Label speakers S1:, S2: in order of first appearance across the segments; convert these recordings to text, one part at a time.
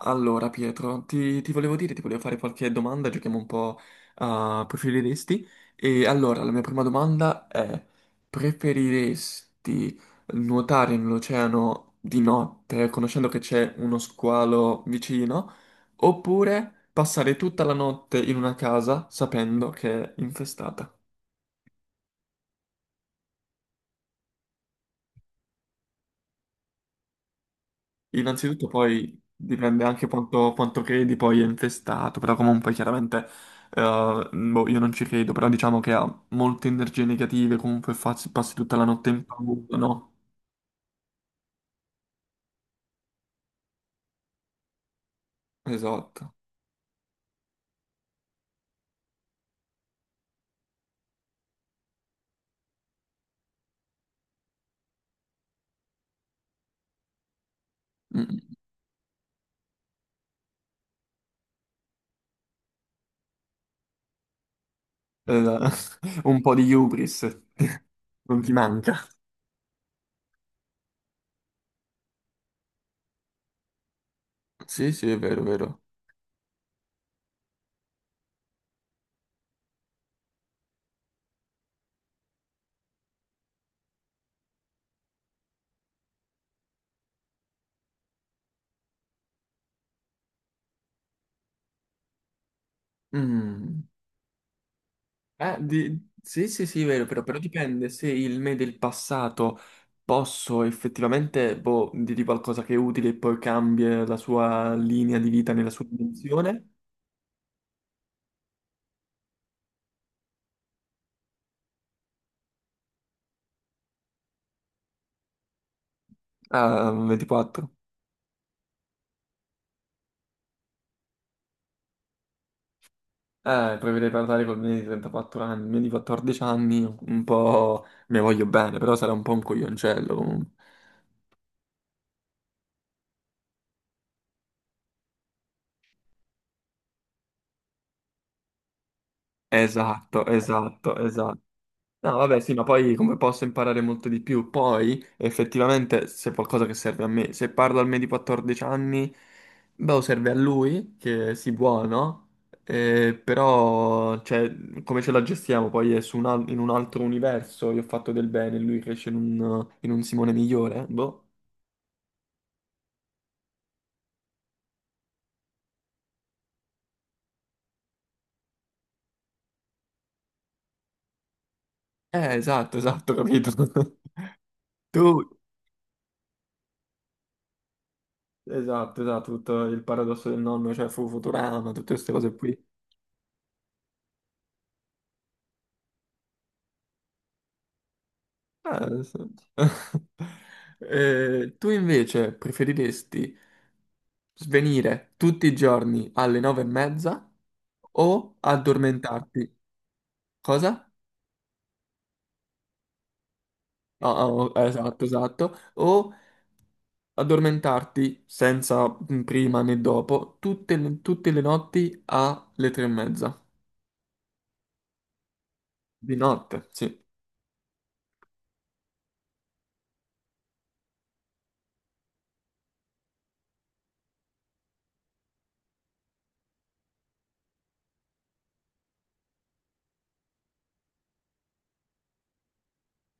S1: Allora, Pietro, ti volevo dire, ti volevo fare qualche domanda, giochiamo un po' a preferiresti. E allora, la mia prima domanda è, preferiresti nuotare nell'oceano di notte, conoscendo che c'è uno squalo vicino, oppure passare tutta la notte in una casa sapendo che è infestata? Innanzitutto poi dipende anche quanto credi poi è infestato, però comunque chiaramente boh, io non ci credo, però diciamo che ha molte energie negative, comunque passi tutta la notte in paura, no? Esatto. Mm. Eh, un po' di hubris non ti manca. Sì, sì, è vero, è vero. Mm. Sì, sì, sì, vero, però dipende se il me del passato posso effettivamente boh, dirgli qualcosa che è utile e poi cambia la sua linea di vita nella sua dimensione. Ah, 24. Poi vedrei parlare col me di 34 anni, il me di 14 anni, un po' mi voglio bene, però sarà un po' un coglioncello comunque. Esatto, esatto, esatto. No, vabbè, sì, ma poi come posso imparare molto di più? Poi, effettivamente, se è qualcosa che serve a me, se parlo al me di 14 anni, beh, o serve a lui, che si buono, però, cioè, come ce la gestiamo? Poi è su in un altro universo, io ho fatto del bene, lui cresce in un Simone migliore, boh. Esatto, esatto, capito. Tu, esatto, esatto, tutto il paradosso del nonno, cioè fu Futurama, tutte queste cose qui. Ah, adesso- tu invece preferiresti svenire tutti i giorni alle nove e mezza o addormentarti? Cosa? Ah, ah, oh, esatto, esatto. O addormentarti senza prima né dopo tutte le notti alle tre e mezza. Di notte, sì.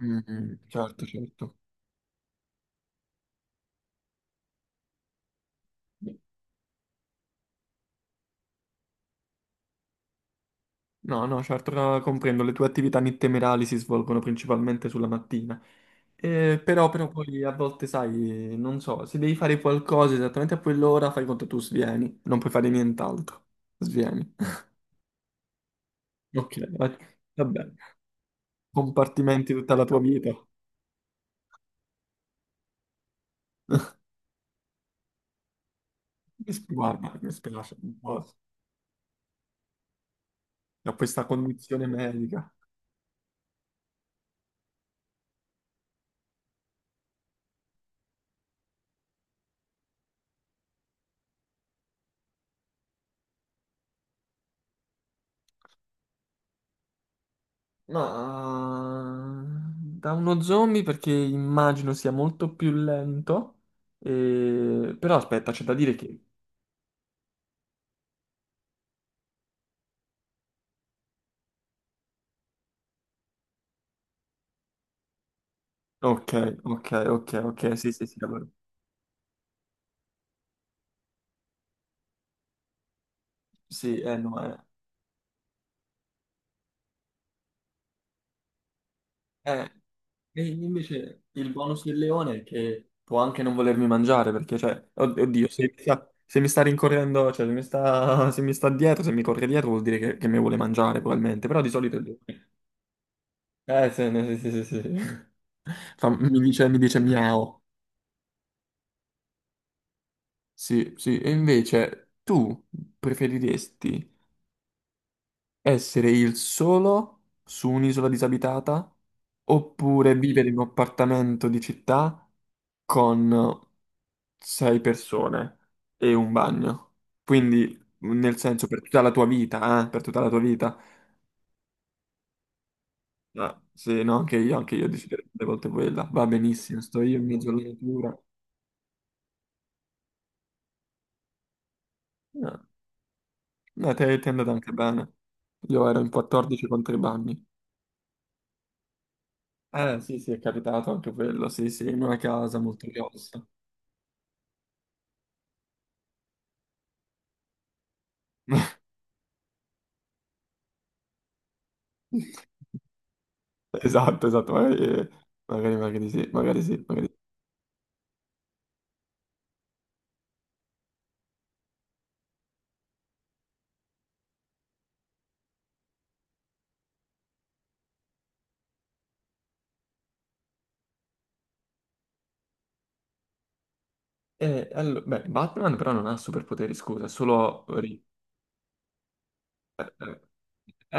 S1: Mm, mm, certo, certo. No, no, certo, comprendo, le tue attività nittemerali si svolgono principalmente sulla mattina. Però poi a volte, sai, non so, se devi fare qualcosa esattamente a quell'ora, fai conto tu svieni, non puoi fare nient'altro. Svieni. Ok, va bene. Compartimenti tutta la tua vita. Guarda, mi spiace un po' da questa condizione medica. Ma da uno zombie perché immagino sia molto più lento. Però aspetta, c'è da dire che ok, ok, ok, ok, sì, sì, sì, allora, sì, no, eh, e invece il bonus del leone è che può anche non volermi mangiare, perché, cioè, oddio, se, mi sta se mi sta rincorrendo, cioè, se mi sta, se mi sta dietro, se mi corre dietro vuol dire che mi vuole mangiare, probabilmente, però di solito il leone- sì, no, sì, sì, sì, sì. Mi dice miau, sì, sì, e invece tu preferiresti essere il solo su un'isola disabitata oppure vivere in un appartamento di città con sei persone e un bagno. Quindi, nel senso, per tutta la tua vita, per tutta la tua vita. Ah, sì, no, anche io deciderei delle volte quella. Va benissimo, sto io in mezzo alla natura. No, no, ti è andata anche bene. Io ero in 14 contro i bagni. Sì, sì, è capitato anche quello, sì, sì, in una casa molto grossa. Esatto, esatto, magari, magari, magari sì, magari sì, magari sì. E, beh, Batman però non ha superpoteri, scusa, è solo... eh, È,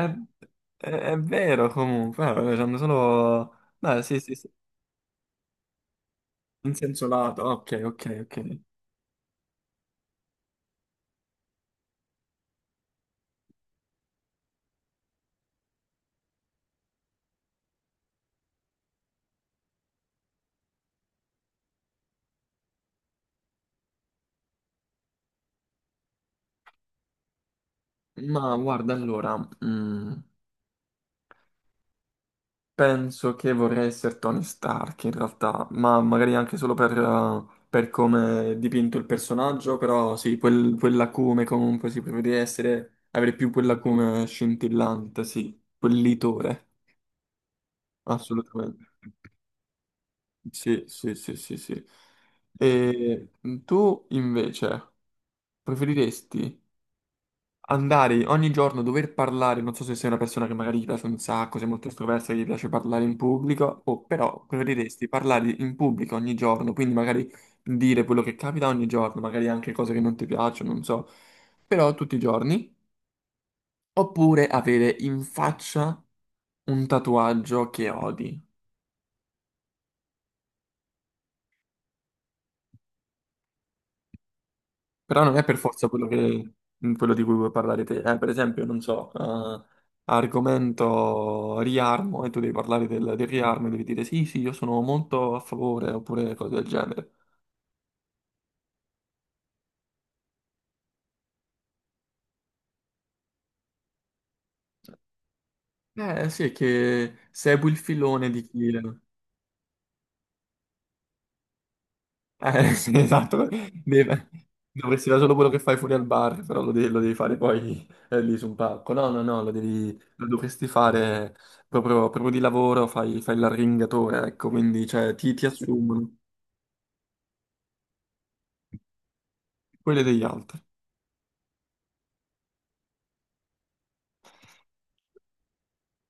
S1: è vero comunque, vabbè, hanno solo... Beh, sì, sì, sì, in senso lato, ok, ok, ok. Ma guarda, allora... mm, penso che vorrei essere Tony Stark in realtà, ma magari anche solo per come è dipinto il personaggio, però sì, quell'acume comunque si prevede essere, avere più quell'acume scintillante, sì, quel litore, assolutamente. Sì, sì, sì, sì, sì. E tu invece preferiresti andare ogni giorno, dover parlare, non so se sei una persona che magari gli piace un sacco, sei molto estroversa, che gli piace parlare in pubblico, o però preferiresti parlare in pubblico ogni giorno, quindi magari dire quello che capita ogni giorno, magari anche cose che non ti piacciono, non so, però tutti i giorni, oppure avere in faccia un tatuaggio che odi. Però non è per forza quello che- mm, quello di cui vuoi parlare te. Per esempio, non so, argomento riarmo e tu devi parlare del riarmo e devi dire sì, sì, io sono molto a favore oppure cose del genere. Eh sì, è che segui il filone di chi... sì, esatto. Deve- Dovresti fare solo quello che fai fuori al bar, però lo devi fare poi lì su un palco. No, no, no, lo devi, lo dovresti fare proprio di lavoro, fai l'arringatore, ecco, quindi cioè, ti assumono. Quelle degli altri.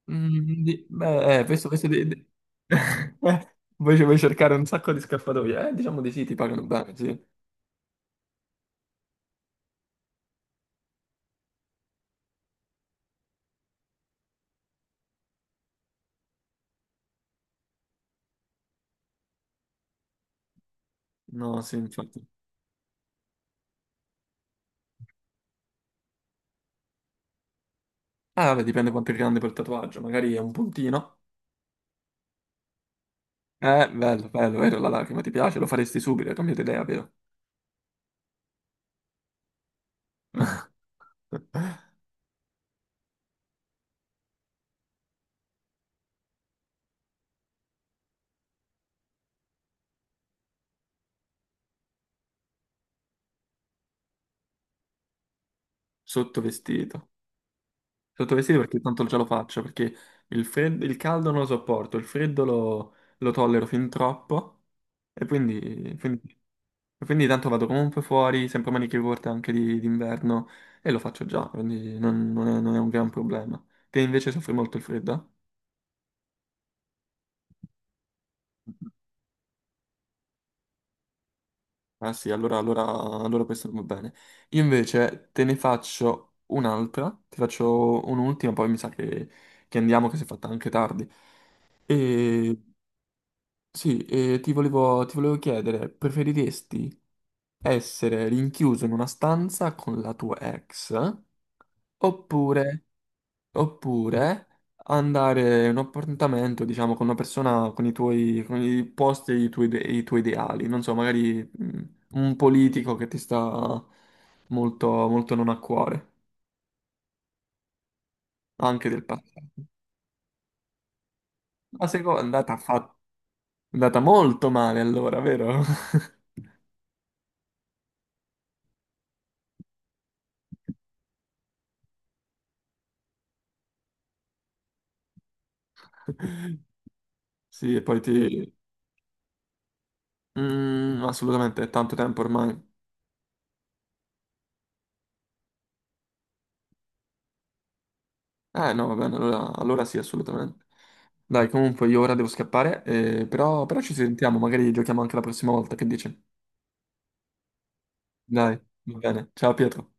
S1: Mm, beh, vuoi cercare un sacco di scappatoie? Diciamo di sì, ti pagano bene, sì. No, sì, infatti. Ah, vabbè, dipende quanto è grande quel tatuaggio, magari è un puntino. Bello, bello, vero, la lacrima ti piace? Lo faresti subito, hai cambiato idea, vero? Sottovestito. Sottovestito perché tanto già lo faccio, perché il caldo non lo sopporto, il freddo lo tollero fin troppo, e quindi... quindi- e quindi tanto vado comunque fuori, sempre maniche corte anche d'inverno e lo faccio già, quindi non, non è un gran problema. Te invece soffri molto il freddo? Ah sì, allora, allora, allora questo non va bene. Io invece te ne faccio un'altra, ti faccio un'ultima, poi mi sa che andiamo, che si è fatta anche tardi. E sì, e ti volevo chiedere, preferiresti essere rinchiuso in una stanza con la tua ex? Oppure oppure andare in un appuntamento, diciamo, con una persona con i tuoi, con i posti e i tuoi, i tuoi ideali. Non so, magari mm, un politico che ti sta molto, molto non a cuore, anche del passato. La seconda è andata, è andata molto male allora, vero? Sì, e poi sì. Ti... mm, assolutamente, è tanto tempo ormai. Eh no, va bene, allora, allora sì, assolutamente. Dai, comunque io ora devo scappare, però ci sentiamo, magari giochiamo anche la prossima volta, che dici? Dai, va bene. Ciao Pietro.